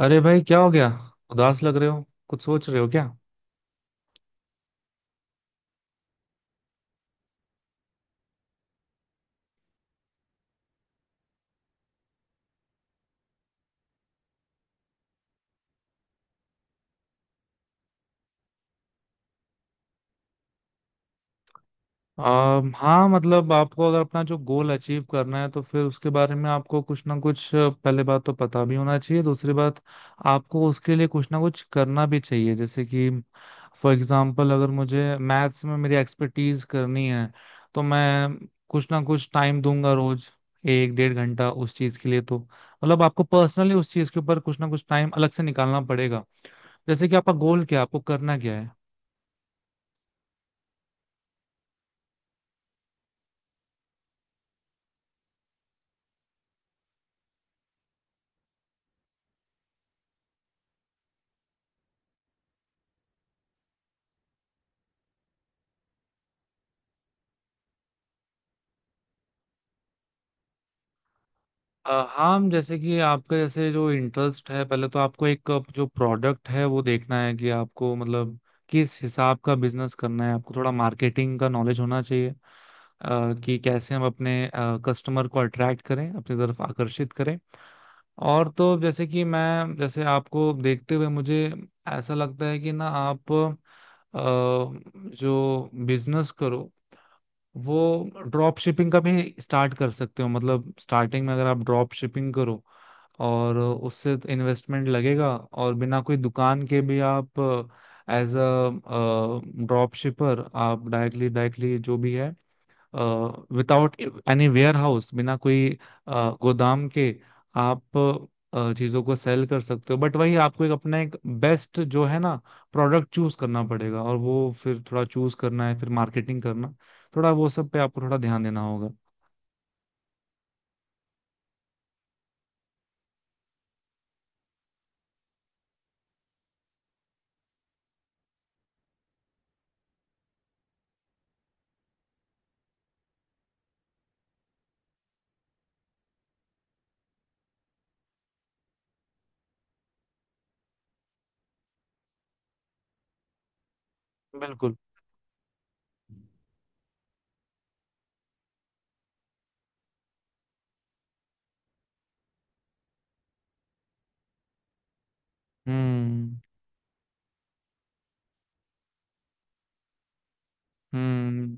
अरे भाई क्या हो गया। उदास लग रहे हो। कुछ सोच रहे हो क्या? हाँ, मतलब आपको अगर अपना जो गोल अचीव करना है तो फिर उसके बारे में आपको कुछ ना कुछ, पहले बात तो पता भी होना चाहिए। दूसरी बात, आपको उसके लिए कुछ ना कुछ करना भी चाहिए। जैसे कि फॉर एग्जांपल, अगर मुझे मैथ्स में मेरी एक्सपर्टीज करनी है तो मैं कुछ ना कुछ टाइम दूंगा, रोज एक डेढ़ घंटा उस चीज के लिए। तो मतलब आपको पर्सनली उस चीज के ऊपर कुछ ना कुछ टाइम अलग से निकालना पड़ेगा। जैसे कि आपका गोल क्या है, आपको करना क्या है? हाँ, हम, जैसे कि आपका जैसे जो इंटरेस्ट है, पहले तो आपको एक, जो प्रोडक्ट है वो देखना है कि आपको मतलब किस हिसाब का बिजनेस करना है। आपको थोड़ा मार्केटिंग का नॉलेज होना चाहिए, कि कैसे हम अपने कस्टमर को अट्रैक्ट करें, अपनी तरफ आकर्षित करें। और तो जैसे कि मैं, जैसे आपको देखते हुए मुझे ऐसा लगता है कि ना आप जो बिजनेस करो वो ड्रॉप शिपिंग का भी स्टार्ट कर सकते हो। मतलब स्टार्टिंग में अगर आप ड्रॉप शिपिंग करो, और उससे इन्वेस्टमेंट लगेगा, और बिना कोई दुकान के भी आप एज अ ड्रॉप शिपर आप डायरेक्टली डायरेक्टली जो भी है, विदाउट एनी वेयर हाउस, बिना कोई गोदाम के आप चीजों को सेल कर सकते हो। बट वही आपको एक अपना एक बेस्ट जो है ना प्रोडक्ट चूज करना पड़ेगा। और वो फिर थोड़ा चूज करना है, फिर मार्केटिंग करना, थोड़ा वो सब पे आपको थोड़ा ध्यान देना होगा। बिल्कुल। हम्म। हम्म।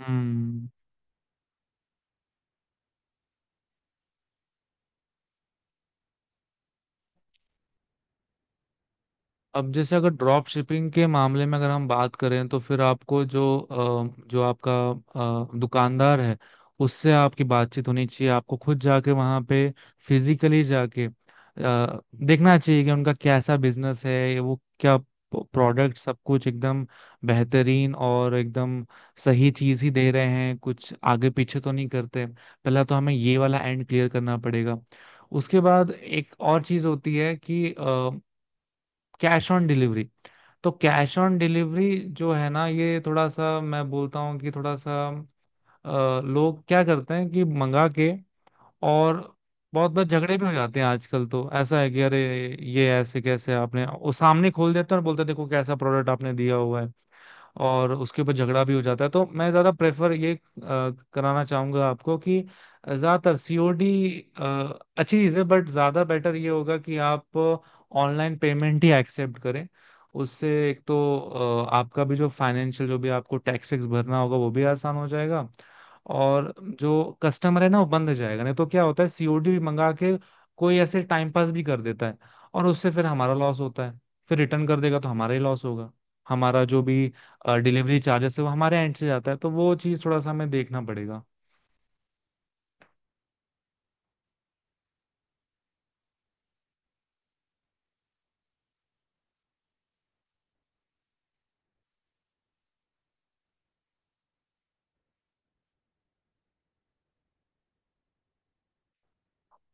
हम्म। अब जैसे अगर ड्रॉप शिपिंग के मामले में अगर हम बात करें, तो फिर आपको जो जो आपका दुकानदार है उससे आपकी बातचीत होनी चाहिए। आपको खुद जाके वहाँ पे फिजिकली जाके देखना चाहिए कि उनका कैसा बिजनेस है, वो क्या प्रोडक्ट, सब कुछ एकदम बेहतरीन और एकदम सही चीज ही दे रहे हैं, कुछ आगे पीछे तो नहीं करते। पहला तो हमें ये वाला एंड क्लियर करना पड़ेगा। उसके बाद एक और चीज होती है कि कैश ऑन डिलीवरी। तो कैश ऑन डिलीवरी जो है ना, ये थोड़ा सा मैं बोलता हूँ कि थोड़ा सा, लोग क्या करते हैं कि मंगा के, और बहुत बहुत झगड़े भी हो जाते हैं। आजकल तो ऐसा है कि अरे, ये ऐसे कैसे आपने? वो सामने खोल देते हैं और बोलते हैं देखो कैसा प्रोडक्ट आपने दिया हुआ है, और उसके ऊपर झगड़ा भी हो जाता है। तो मैं ज्यादा प्रेफर ये कराना चाहूंगा आपको कि ज्यादातर सीओडी अच्छी चीज है, बट ज्यादा बेटर ये होगा कि आप ऑनलाइन पेमेंट ही एक्सेप्ट करें। उससे एक तो आपका भी जो फाइनेंशियल, जो भी आपको टैक्स वैक्स भरना होगा वो भी आसान हो जाएगा। और जो कस्टमर है ना वो बंद हो जाएगा। नहीं तो क्या होता है, सीओडी मंगा के कोई ऐसे टाइम पास भी कर देता है, और उससे फिर हमारा लॉस होता है। फिर रिटर्न कर देगा तो हमारा ही लॉस होगा। हमारा जो भी डिलीवरी चार्जेस है वो हमारे एंड से जाता है, तो वो चीज़ थोड़ा सा हमें देखना पड़ेगा।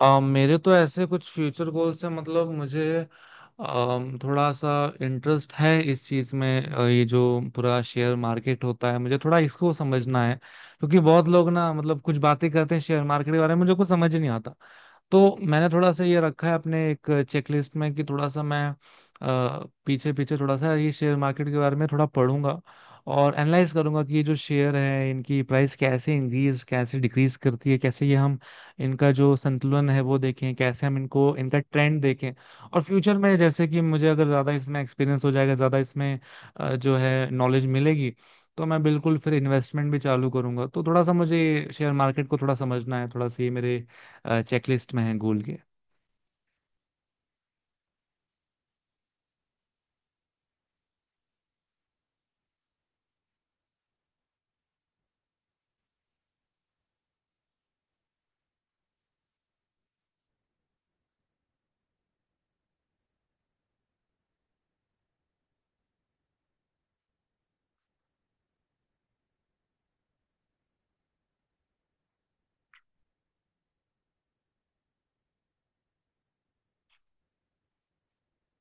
मेरे तो ऐसे कुछ फ्यूचर गोल्स हैं। मतलब मुझे थोड़ा सा इंटरेस्ट है इस चीज़ में, ये जो पूरा शेयर मार्केट होता है मुझे थोड़ा इसको समझना है। क्योंकि बहुत लोग ना, मतलब कुछ बातें करते हैं शेयर मार्केट के बारे में, मुझे कुछ समझ ही नहीं आता। तो मैंने थोड़ा सा ये रखा है अपने एक चेकलिस्ट में कि थोड़ा सा मैं पीछे पीछे थोड़ा सा ये शेयर मार्केट के बारे में थोड़ा पढ़ूंगा और एनालाइज करूंगा कि ये जो शेयर है इनकी प्राइस कैसे इंक्रीज, कैसे डिक्रीज करती है, कैसे ये हम इनका जो संतुलन है वो देखें, कैसे हम इनको, इनका ट्रेंड देखें। और फ्यूचर में जैसे कि मुझे अगर ज़्यादा इसमें एक्सपीरियंस हो जाएगा, ज़्यादा इसमें जो है नॉलेज मिलेगी, तो मैं बिल्कुल फिर इन्वेस्टमेंट भी चालू करूंगा। तो थोड़ा सा मुझे शेयर मार्केट को थोड़ा समझना है, थोड़ा सा ये मेरे चेकलिस्ट में है गूगल के।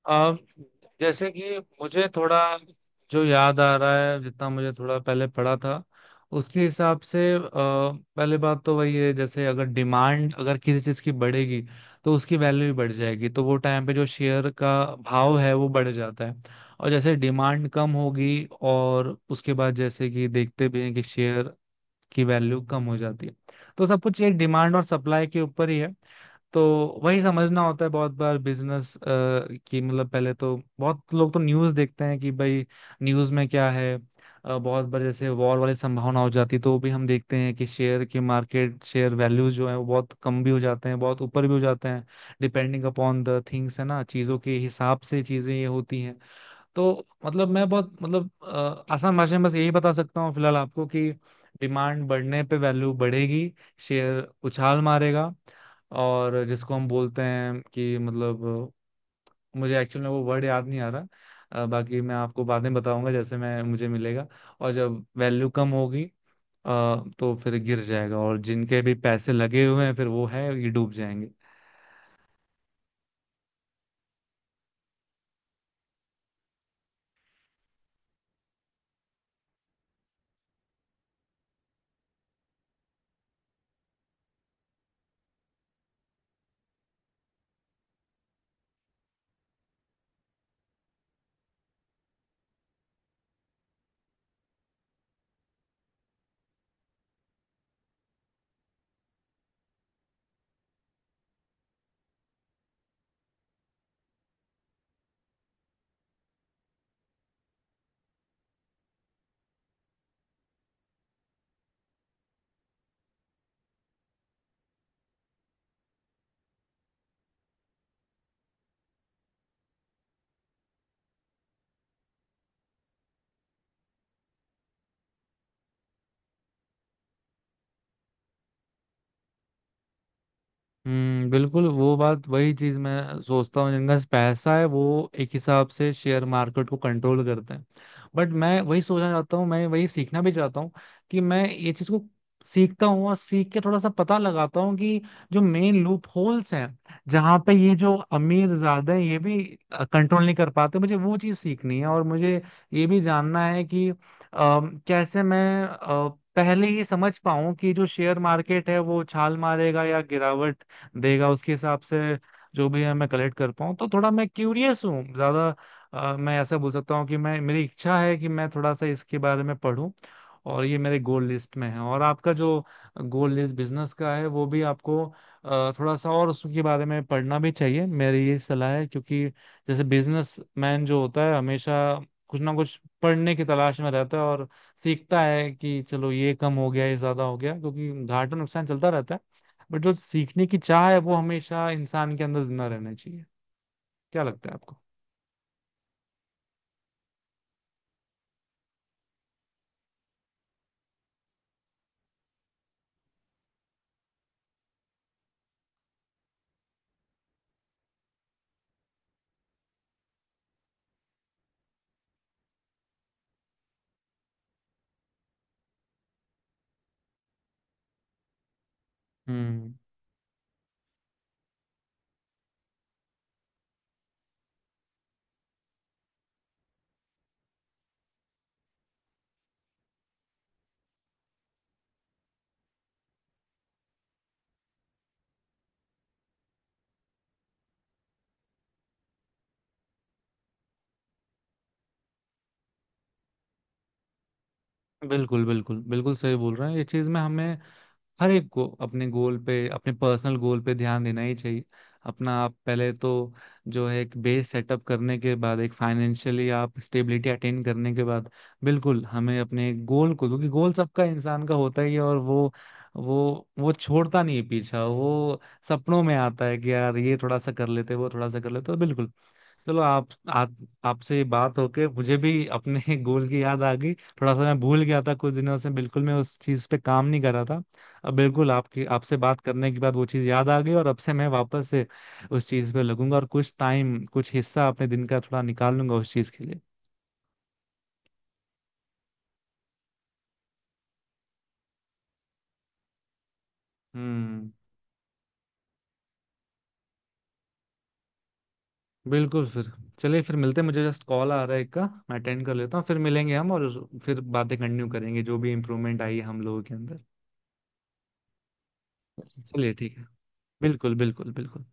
अ, जैसे कि मुझे थोड़ा जो याद आ रहा है, जितना मुझे थोड़ा पहले पढ़ा था उसके हिसाब से, पहले बात तो वही है, जैसे अगर डिमांड अगर किसी चीज़ की बढ़ेगी तो उसकी वैल्यू भी बढ़ जाएगी, तो वो टाइम पे जो शेयर का भाव है वो बढ़ जाता है। और जैसे डिमांड कम होगी, और उसके बाद जैसे कि देखते भी हैं कि शेयर की वैल्यू कम हो जाती है। तो सब कुछ ये डिमांड और सप्लाई के ऊपर ही है। तो वही समझना होता है बहुत बार बिजनेस की। मतलब पहले तो बहुत लोग तो न्यूज़ देखते हैं कि भाई न्यूज़ में क्या है। बहुत बार जैसे वॉर वाली संभावना हो जाती है तो भी हम देखते हैं कि शेयर की मार्केट, शेयर वैल्यूज जो है वो बहुत कम भी हो जाते हैं, बहुत ऊपर भी हो जाते हैं। डिपेंडिंग अपॉन द थिंग्स है ना, चीज़ों के हिसाब से चीज़ें ये होती हैं। तो मतलब मैं बहुत, मतलब आसान भाषा में बस यही बता सकता हूँ फिलहाल आपको कि डिमांड बढ़ने पे वैल्यू बढ़ेगी, शेयर उछाल मारेगा। और जिसको हम बोलते हैं कि मतलब, मुझे एक्चुअल में वो वर्ड याद नहीं आ रहा। बाकी मैं आपको बाद में बताऊंगा जैसे मैं मुझे मिलेगा। और जब वैल्यू कम होगी, अ, तो फिर गिर जाएगा, और जिनके भी पैसे लगे हुए हैं फिर वो है ये डूब जाएंगे। हम्म। बिल्कुल वो बात, वही चीज मैं सोचता हूँ, जिनका पैसा है वो एक हिसाब से शेयर मार्केट को कंट्रोल करते हैं। बट मैं वही सोचना चाहता हूँ, मैं वही सीखना भी चाहता हूँ कि मैं ये चीज को सीखता हूँ, और सीख के थोड़ा सा पता लगाता हूँ कि जो मेन लूप होल्स हैं, जहाँ पे ये जो अमीर ज्यादा हैं ये भी कंट्रोल नहीं कर पाते, मुझे वो चीज सीखनी है। और मुझे ये भी जानना है कि कैसे मैं पहले ही समझ पाऊं कि जो शेयर मार्केट है वो छाल मारेगा या गिरावट देगा, उसके हिसाब से जो भी है मैं कलेक्ट कर पाऊँ। तो थोड़ा मैं क्यूरियस हूँ ज्यादा, मैं ऐसा बोल सकता हूँ कि मैं, मेरी इच्छा है कि मैं थोड़ा सा इसके बारे में पढूं। और ये मेरे गोल लिस्ट में है। और आपका जो गोल लिस्ट बिजनेस का है वो भी आपको थोड़ा सा और उसके बारे में पढ़ना भी चाहिए, मेरी ये सलाह है। क्योंकि जैसे बिजनेस मैन जो होता है हमेशा कुछ ना कुछ पढ़ने की तलाश में रहता है, और सीखता है कि चलो ये कम हो गया, ये ज्यादा हो गया, क्योंकि घाटा नुकसान चलता रहता है। बट जो सीखने की चाह है वो हमेशा इंसान के अंदर जिंदा रहना चाहिए। क्या लगता है आपको? हम्म। बिल्कुल बिल्कुल बिल्कुल सही बोल रहे हैं। ये चीज़ में हमें हर एक को अपने गोल पे, अपने पर्सनल गोल पे ध्यान देना ही चाहिए। अपना आप पहले तो जो है एक बेस सेटअप करने के बाद, एक फाइनेंशियली आप स्टेबिलिटी अटेन करने के बाद, बिल्कुल हमें अपने गोल को, क्योंकि गोल सबका, इंसान का होता ही है, और वो वो छोड़ता नहीं है पीछा। वो सपनों में आता है कि यार ये थोड़ा सा कर लेते, वो थोड़ा सा कर लेते। तो बिल्कुल चलो, आप आपसे ये बात होके मुझे भी अपने गोल की याद आ गई। थोड़ा सा मैं भूल गया था, कुछ दिनों से बिल्कुल मैं उस चीज पे काम नहीं कर रहा था। अब बिल्कुल आपकी आपसे बात करने के बाद वो चीज याद आ गई, और अब से मैं वापस से उस चीज पे लगूंगा, और कुछ टाइम, कुछ हिस्सा अपने दिन का थोड़ा निकाल लूंगा उस चीज के लिए। हम्म। बिल्कुल। फिर चलिए, फिर मिलते हैं। मुझे जस्ट कॉल आ रहा है एक का, मैं अटेंड कर लेता हूँ, फिर मिलेंगे हम, और फिर बातें कंटिन्यू करेंगे जो भी इम्प्रूवमेंट आई है हम लोगों के अंदर। चलिए ठीक है। बिल्कुल बिल्कुल बिल्कुल।